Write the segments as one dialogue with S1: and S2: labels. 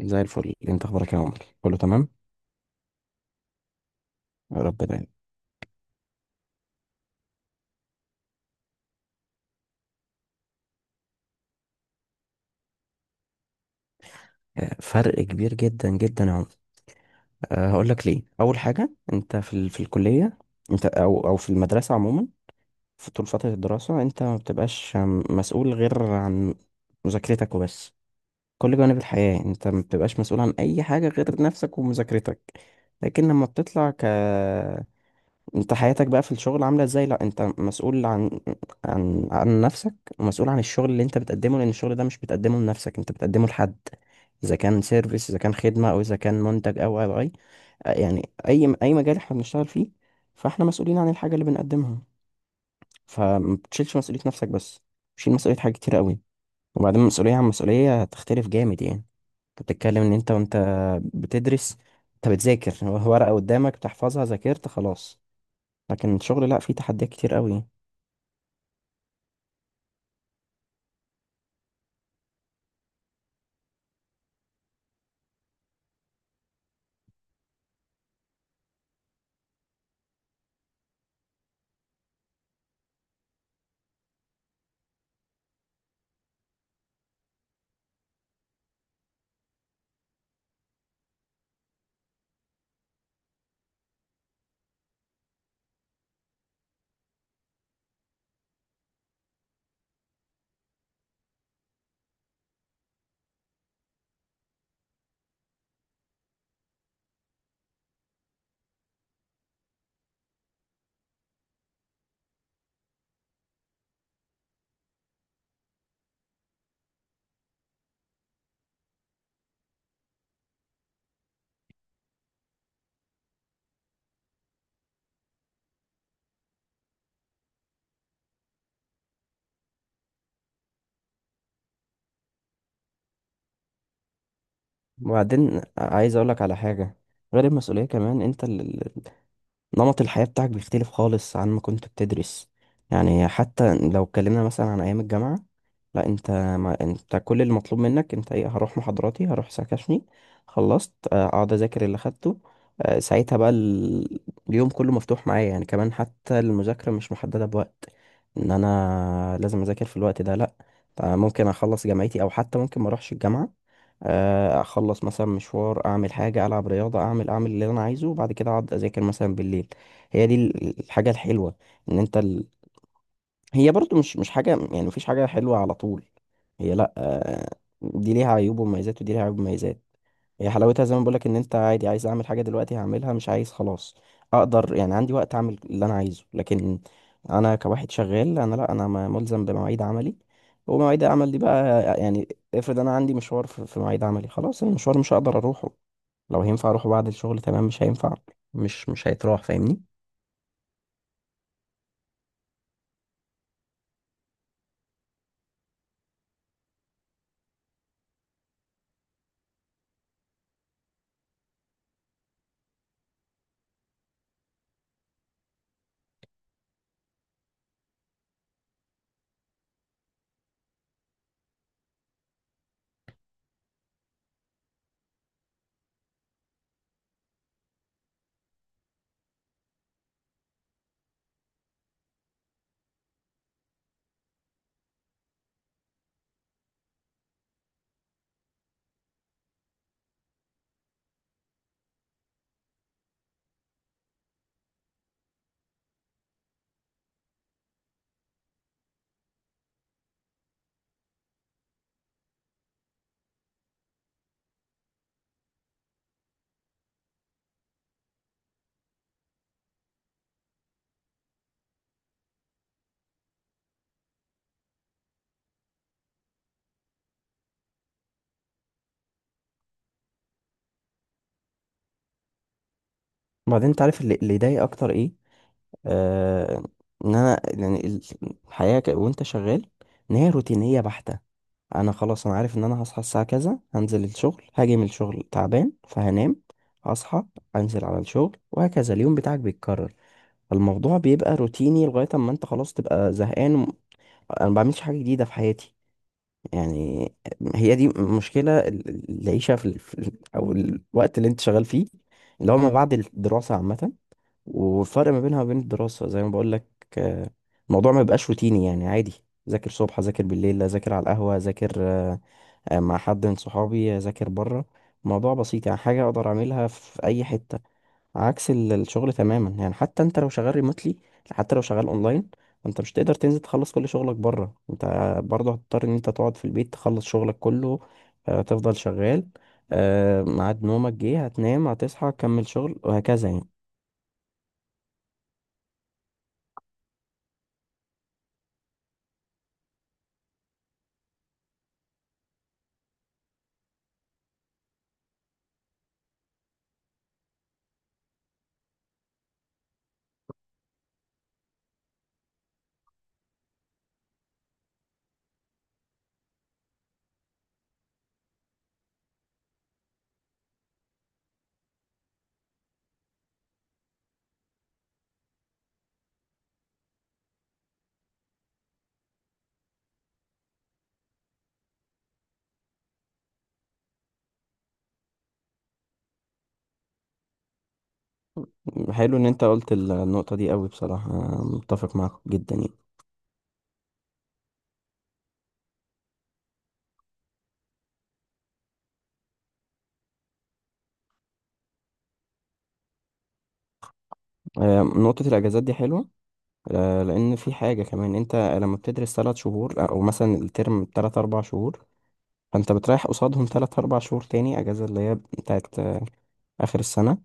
S1: زي الفل، انت اخبارك يا عمر؟ كله تمام. يا رب دايما. فرق كبير جدا جدا يا عمر. هقول لك ليه. اول حاجه، انت في الكليه. انت او او في المدرسه عموما. في طول فتره الدراسه انت ما بتبقاش مسؤول غير عن مذاكرتك وبس. كل جوانب الحياه انت ما بتبقاش مسؤول عن اي حاجه غير نفسك ومذاكرتك. لكن لما بتطلع انت، حياتك بقى في الشغل عاملة ازاي؟ لا، انت مسؤول عن نفسك، ومسؤول عن الشغل اللي انت بتقدمه، لان الشغل ده مش بتقدمه لنفسك، انت بتقدمه لحد. اذا كان سيرفيس، اذا كان خدمة، او اذا كان منتج، او او اي، يعني اي اي مجال احنا بنشتغل فيه. فاحنا مسؤولين عن الحاجة اللي بنقدمها. فما بتشيلش مسؤولية نفسك بس، بتشيل مسؤولية حاجات كتير قوي. وبعدين مسؤولية عن مسؤولية هتختلف جامد يعني. انت بتتكلم ان انت وانت بتدرس، انت بتذاكر ورقة قدامك بتحفظها، ذاكرت خلاص. لكن الشغل لا، فيه تحديات كتير قوي. وبعدين عايز اقولك على حاجة: غير المسؤولية، كمان انت نمط الحياة بتاعك بيختلف خالص عن ما كنت بتدرس. يعني حتى لو اتكلمنا مثلا عن ايام الجامعة، لا، انت ما انت كل اللي مطلوب منك انت ايه؟ هروح محاضراتي، هروح سكاشني، خلصت، اقعد اذاكر اللي خدته. ساعتها بقى اليوم كله مفتوح معايا يعني، كمان حتى المذاكرة مش محددة بوقت ان انا لازم اذاكر في الوقت ده، لا. ممكن اخلص جامعتي، او حتى ممكن ما اروحش الجامعة. اخلص مثلا مشوار، اعمل حاجه، العب رياضه، اعمل اللي انا عايزه، وبعد كده اقعد اذاكر مثلا بالليل. هي دي الحاجه الحلوه، ان انت. هي برضو مش حاجة، يعني مفيش حاجة حلوة على طول. هي لأ. دي ليها عيوب ومميزات، ودي ليها عيوب ومميزات. هي حلاوتها زي ما بقولك: إن أنت عادي، عايز أعمل حاجة دلوقتي هعملها، مش عايز خلاص. أقدر، يعني عندي وقت أعمل اللي أنا عايزه. لكن أنا كواحد شغال، أنا لأ، أنا ملزم بمواعيد عملي. ومواعيد العمل دي بقى يعني، افرض أنا عندي مشوار في مواعيد عملي، خلاص المشوار مش هقدر أروحه. لو هينفع أروحه بعد الشغل تمام، مش هينفع، مش هيتراح، فاهمني؟ بعدين، أنت عارف اللي يضايق أكتر إيه؟ آه، ان انا يعني الحياه وانت شغال، ان هي روتينيه بحته. انا خلاص، انا عارف ان انا هصحى الساعه كذا، هنزل الشغل، هاجي من الشغل تعبان فهنام، هصحى، انزل على الشغل، وهكذا. اليوم بتاعك بيتكرر. الموضوع بيبقى روتيني لغايه اما انت خلاص تبقى زهقان انا ما بعملش حاجه جديده في حياتي يعني. هي دي مشكله العيشه او الوقت اللي انت شغال فيه اللي هو ما بعد الدراسه عامه. والفرق ما بينها وبين الدراسة، زي ما بقول لك، آه، الموضوع ما بيبقاش روتيني يعني، عادي. ذاكر صبح، ذاكر بالليل، اذاكر على القهوة، اذاكر مع حد من صحابي، اذاكر بره. الموضوع بسيط يعني، حاجة اقدر اعملها في اي حتة. عكس الشغل تماما يعني، حتى انت لو شغال ريموتلي، حتى لو شغال اونلاين، انت مش تقدر تنزل تخلص كل شغلك بره، انت برضه هتضطر ان انت تقعد في البيت تخلص شغلك كله. تفضل شغال. ميعاد نومك جه، هتنام، هتصحى، تكمل شغل، وهكذا يعني. حلو ان انت قلت النقطة دي، قوي بصراحة أنا متفق معاك جدا يعني. نقطة الاجازات دي حلوة. لان في حاجة كمان: انت لما بتدرس 3 شهور، او مثلا الترم تلات اربع شهور، فانت بتريح قصادهم تلات اربع شهور تاني، اجازة اللي هي بتاعت اخر السنة.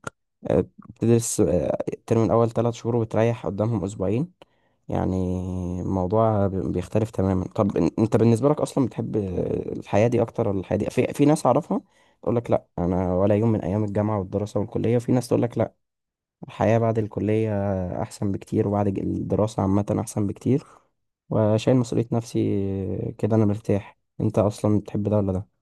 S1: بتدرس الترم الأول 3 شهور وبتريح قدامهم أسبوعين يعني. الموضوع بيختلف تماما. طب انت بالنسبة لك أصلا بتحب الحياة دي أكتر ولا الحياة دي؟ في ناس أعرفها تقول لك لا، أنا ولا يوم من أيام الجامعة والدراسة والكلية. وفي ناس تقول لك لا، الحياة بعد الكلية أحسن بكتير، وبعد الدراسة عامة أحسن بكتير، وشايل مسؤولية نفسي كده أنا مرتاح. انت أصلا بتحب ده ولا ده؟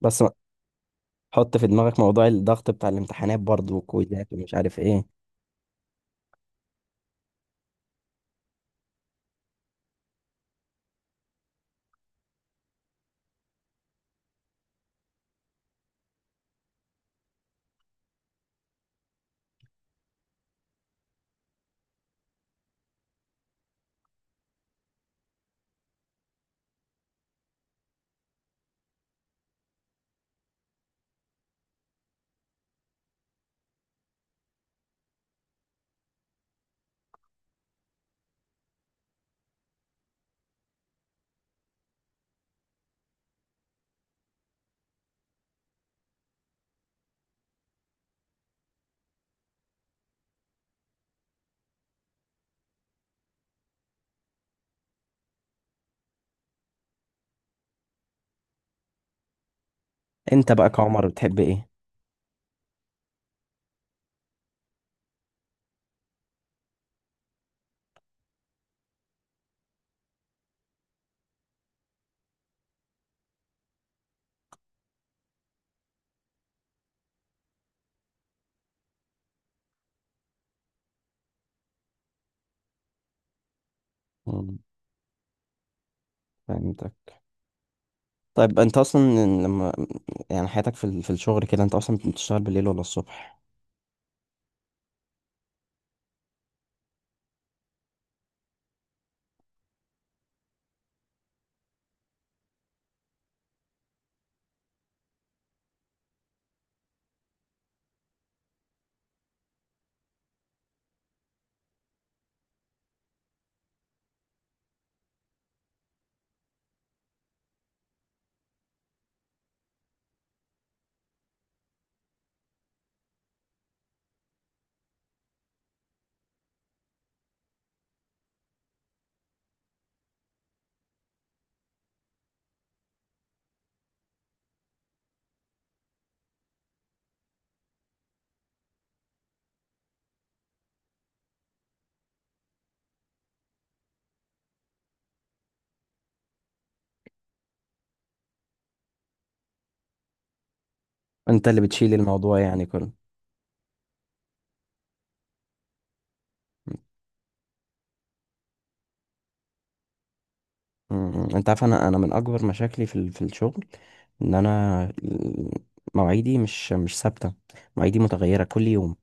S1: بس حط في دماغك موضوع الضغط بتاع الامتحانات برضه والكويزات ومش عارف ايه. انت بقى كعمر بتحب ايه؟ مم، فهمتك. طيب انت اصلا، لما يعني حياتك في في الشغل كده، انت اصلا بتشتغل بالليل ولا الصبح؟ انت اللي بتشيل الموضوع يعني كله. مم، انت عارف، انا من اكبر مشاكلي في في الشغل، ان انا مواعيدي مش ثابته، مواعيدي متغيره كل يوم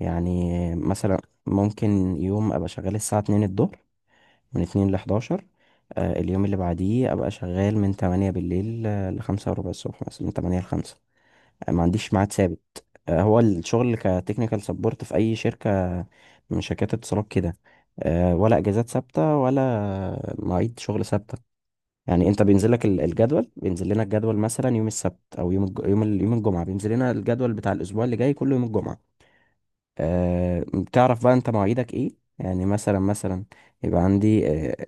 S1: يعني. مثلا، ممكن يوم ابقى شغال الساعه 2 الظهر، من 2 ل 11. اليوم اللي بعديه ابقى شغال من 8 بالليل ل 5 وربع الصبح، مثلا من 8 ل 5. ما عنديش ميعاد ثابت. هو الشغل كتكنيكال سبورت في اي شركه من شركات اتصالات كده، ولا اجازات ثابته ولا مواعيد شغل ثابته يعني. انت بينزل لك الجدول، بينزل لنا الجدول مثلا يوم السبت او يوم الجمعه، بينزل لنا الجدول بتاع الاسبوع اللي جاي كل يوم الجمعه. بتعرف بقى انت مواعيدك ايه. يعني مثلا يبقى عندي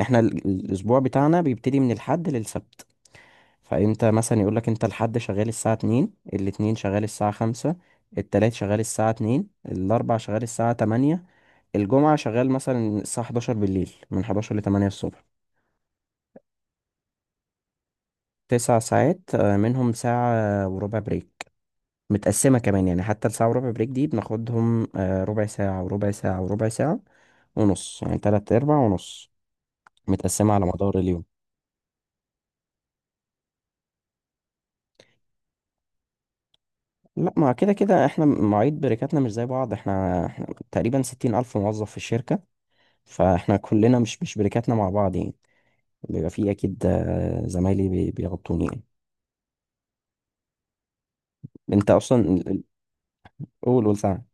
S1: احنا الاسبوع بتاعنا بيبتدي من الحد للسبت. فانت مثلا يقول لك: انت الحد شغال الساعه 2، الاثنين شغال الساعه 5، التلات شغال الساعه 2، الاربع شغال الساعه 8، الجمعه شغال مثلا الساعه 11 بالليل، من 11 ل 8 الصبح. 9 ساعات، منهم ساعه وربع بريك، متقسمه كمان يعني. حتى الساعه وربع بريك دي بناخدهم ربع ساعه وربع ساعه وربع ساعه ونص يعني، تلات ارباع ونص، متقسمه على مدار اليوم. لا، ما كده كده احنا مواعيد بريكاتنا مش زي بعض. احنا, احنا تقريبا 60 ألف موظف في الشركة، فاحنا كلنا مش بريكاتنا مع بعض يعني. بيبقى في اكيد، زمايلي بيغطوني يعني. انت اصلا قول قول ساعة.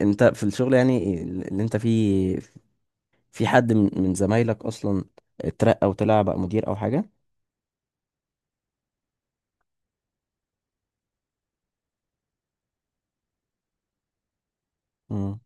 S1: انت في الشغل يعني اللي انت فيه، في حد من زمايلك اصلا اترقى وطلع بقى مدير او حاجة؟ مم.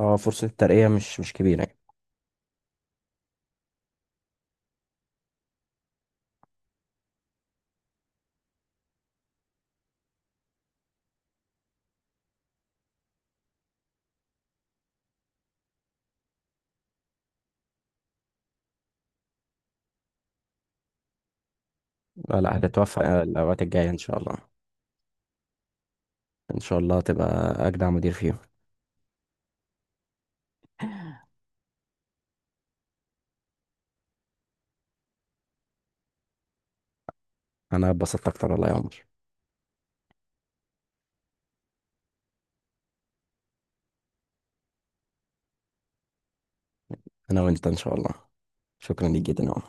S1: اه، فرصة الترقية مش كبيرة يعني. لا لا، هتتوفق الأوقات الجاية إن شاء الله. إن شاء الله تبقى أجدع مدير فيهم. أنا اتبسطت أكتر والله يا عمر. أنا وأنت إن شاء الله. شكرا ليك جدا يا عمر.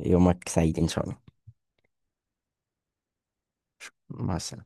S1: يومك سعيد إن شاء الله. مع السلامة.